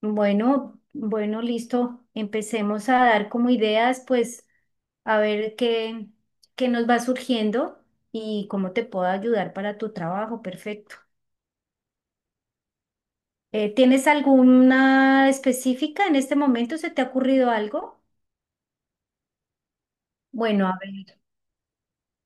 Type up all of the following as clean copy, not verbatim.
Bueno, bueno, listo. Empecemos a dar como ideas, pues a ver qué nos va surgiendo y cómo te puedo ayudar para tu trabajo. Perfecto. ¿Tienes alguna específica en este momento? ¿Se te ha ocurrido algo? Bueno, a ver,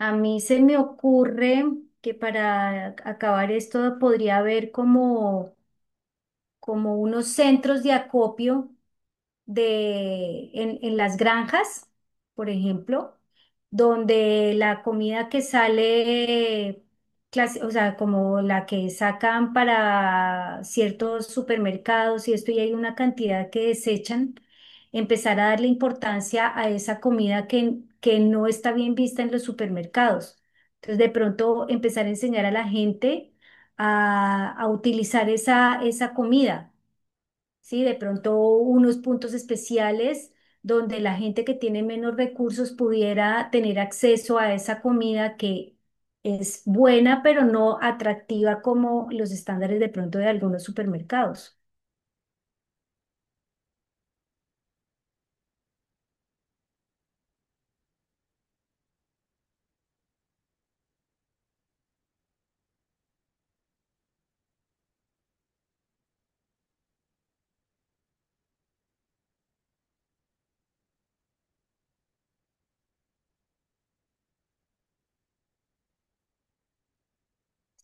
a mí se me ocurre que para acabar esto podría haber como unos centros de acopio en las granjas, por ejemplo, donde la comida que sale, o sea, como la que sacan para ciertos supermercados y esto, y hay una cantidad que desechan, empezar a darle importancia a esa comida que no está bien vista en los supermercados. Entonces, de pronto empezar a enseñar a la gente a utilizar esa comida, ¿sí? De pronto unos puntos especiales donde la gente que tiene menos recursos pudiera tener acceso a esa comida que es buena, pero no atractiva como los estándares de pronto de algunos supermercados.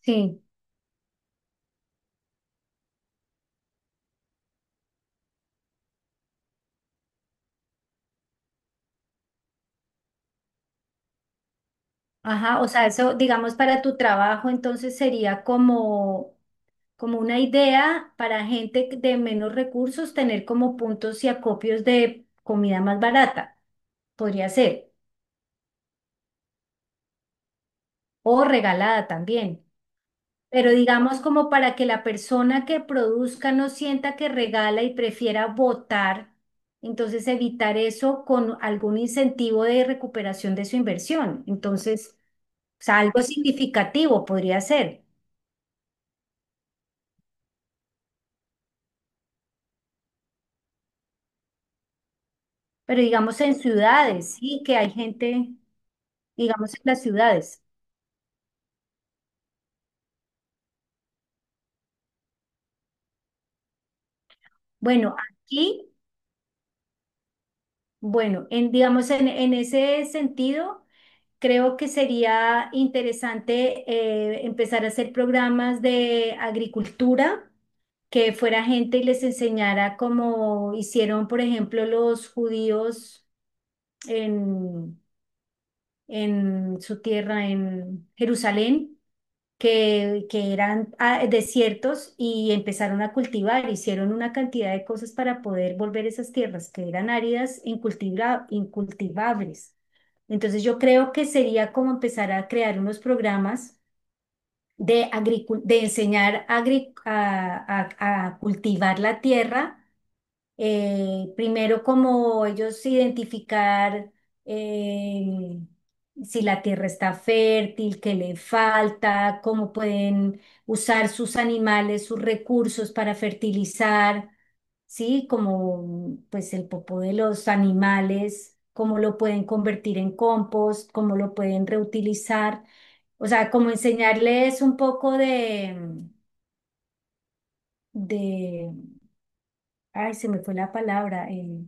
Sí, ajá, o sea, eso, digamos, para tu trabajo, entonces sería como, una idea para gente de menos recursos tener como puntos y acopios de comida más barata, podría ser, o regalada también. Pero digamos como para que la persona que produzca no sienta que regala y prefiera votar, entonces evitar eso con algún incentivo de recuperación de su inversión. Entonces, o sea, algo significativo podría ser, pero digamos en ciudades, sí, que hay gente, digamos en las ciudades. Bueno, aquí, bueno, digamos en ese sentido, creo que sería interesante, empezar a hacer programas de agricultura que fuera gente y les enseñara como hicieron, por ejemplo, los judíos en, en su tierra, en Jerusalén, que eran, desiertos y empezaron a cultivar, hicieron una cantidad de cosas para poder volver esas tierras que eran áridas incultivables. Entonces yo creo que sería como empezar a crear unos programas de enseñar a cultivar la tierra, primero, como ellos identificar, eh, si la tierra está fértil, qué le falta, cómo pueden usar sus animales, sus recursos para fertilizar, ¿sí? Como pues el popó de los animales, cómo lo pueden convertir en compost, cómo lo pueden reutilizar. O sea, como enseñarles un poco de, de, ay, se me fue la palabra. eh,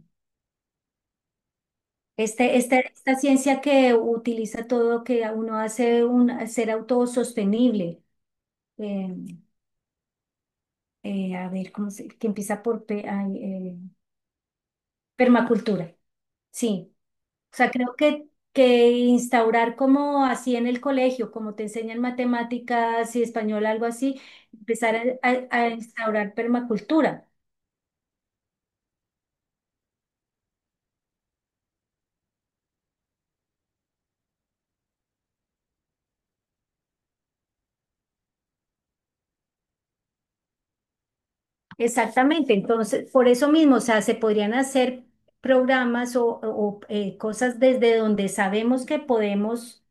Este, esta, esta ciencia que utiliza todo, que uno hace un ser autosostenible. eh, a ver, que empieza por permacultura. Sí, o sea, creo que instaurar como así en el colegio, como te enseñan matemáticas y español, algo así, empezar a instaurar permacultura. Exactamente, entonces, por eso mismo, o sea, se podrían hacer programas o cosas desde donde sabemos que podemos,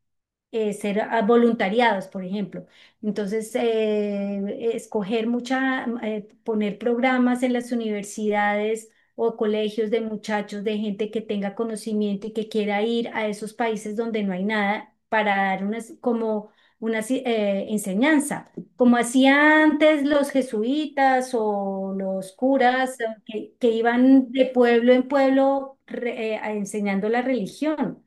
ser, voluntariados, por ejemplo. Entonces, escoger poner programas en las universidades o colegios de muchachos, de gente que tenga conocimiento y que quiera ir a esos países donde no hay nada para dar unas, como una enseñanza, como hacían antes los jesuitas o los curas, que iban de pueblo en pueblo enseñando la religión.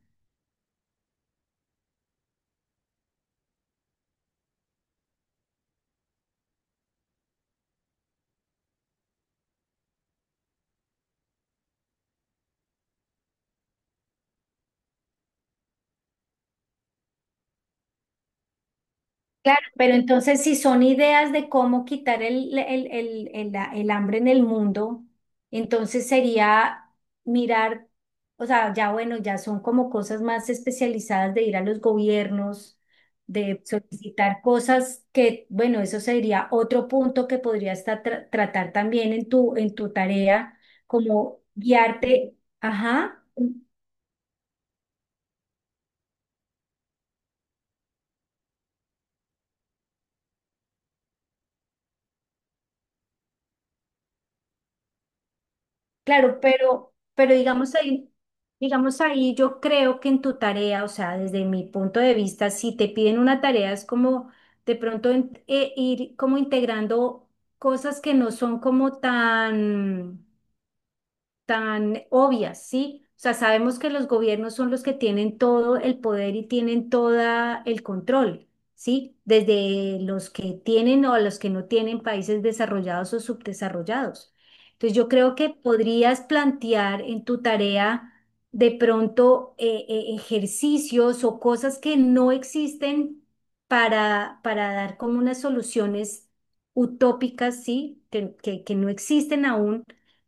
Claro, pero entonces si son ideas de cómo quitar el hambre en el mundo, entonces sería mirar, o sea, ya bueno, ya son como cosas más especializadas de ir a los gobiernos, de solicitar cosas que, bueno, eso sería otro punto que podría estar tratar también en tu tarea, como guiarte, ajá. Claro, pero digamos ahí, yo creo que en tu tarea, o sea, desde mi punto de vista, si te piden una tarea, es como de pronto ir como integrando cosas que no son como tan obvias, ¿sí? O sea, sabemos que los gobiernos son los que tienen todo el poder y tienen todo el control, ¿sí? Desde los que tienen o los que no tienen países desarrollados o subdesarrollados. Entonces, yo creo que podrías plantear en tu tarea de pronto, ejercicios o cosas que no existen para dar como unas soluciones utópicas, ¿sí? que no existen aún,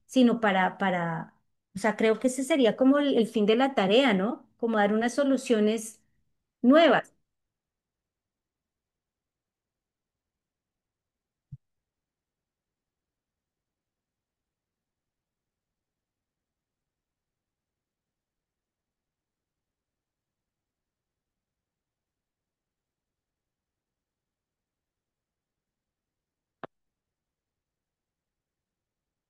sino o sea, creo que ese sería como el fin de la tarea, ¿no? Como dar unas soluciones nuevas.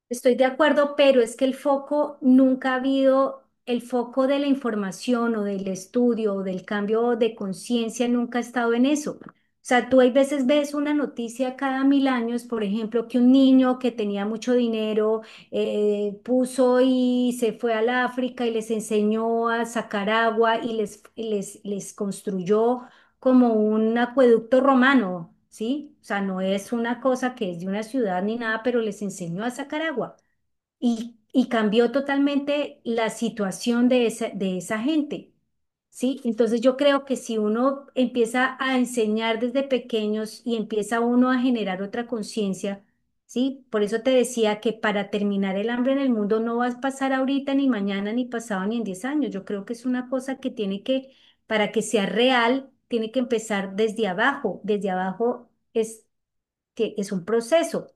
Estoy de acuerdo, pero es que el foco nunca ha habido, el foco de la información o del estudio o del cambio de conciencia nunca ha estado en eso. O sea, tú hay veces ves una noticia cada 1000 años, por ejemplo, que un niño que tenía mucho dinero, puso y se fue al África y les enseñó a sacar agua y les construyó como un acueducto romano, ¿sí? O sea, no es una cosa que es de una ciudad ni nada, pero les enseñó a sacar agua y cambió totalmente la situación de esa gente. ¿Sí? Entonces yo creo que si uno empieza a enseñar desde pequeños y empieza uno a generar otra conciencia, ¿sí? Por eso te decía que para terminar el hambre en el mundo no va a pasar ahorita, ni mañana, ni pasado, ni en 10 años. Yo creo que es una cosa que tiene que, para que sea real, tiene que empezar desde abajo. Desde abajo es, que es un proceso.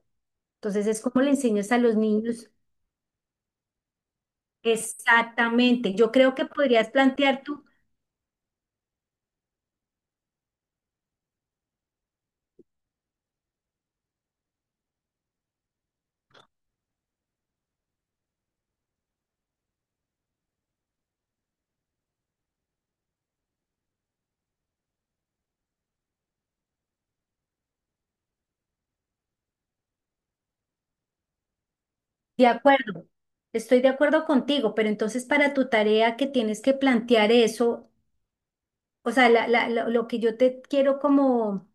Entonces es como le enseñas a los niños. Exactamente. Yo creo que podrías plantear tú, de acuerdo, estoy de acuerdo contigo, pero entonces para tu tarea que tienes que plantear eso, o sea, lo que yo te quiero como,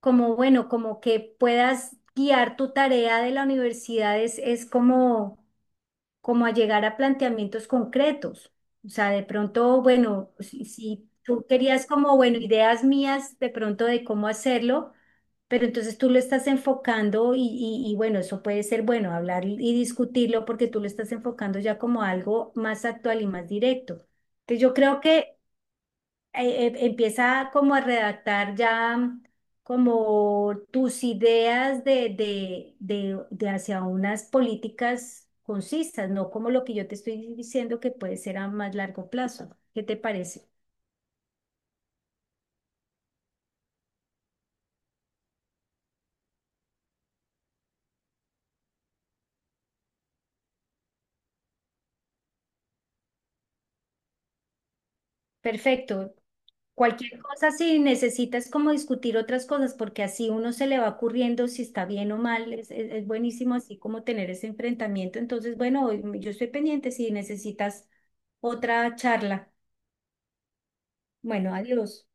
como que puedas guiar tu tarea de la universidad es como... como a llegar a planteamientos concretos. O sea, de pronto, bueno, si tú querías como, bueno, ideas mías de pronto de cómo hacerlo, pero entonces tú lo estás enfocando y bueno, eso puede ser bueno, hablar y discutirlo porque tú lo estás enfocando ya como algo más actual y más directo. Entonces yo creo que, empieza como a redactar ya como tus ideas de hacia unas políticas concisas, no como lo que yo te estoy diciendo que puede ser a más largo plazo. ¿Qué te parece? Perfecto. Cualquier cosa, si necesitas como discutir otras cosas, porque así uno se le va ocurriendo si está bien o mal, es buenísimo así como tener ese enfrentamiento. Entonces, bueno, yo estoy pendiente si necesitas otra charla. Bueno, adiós.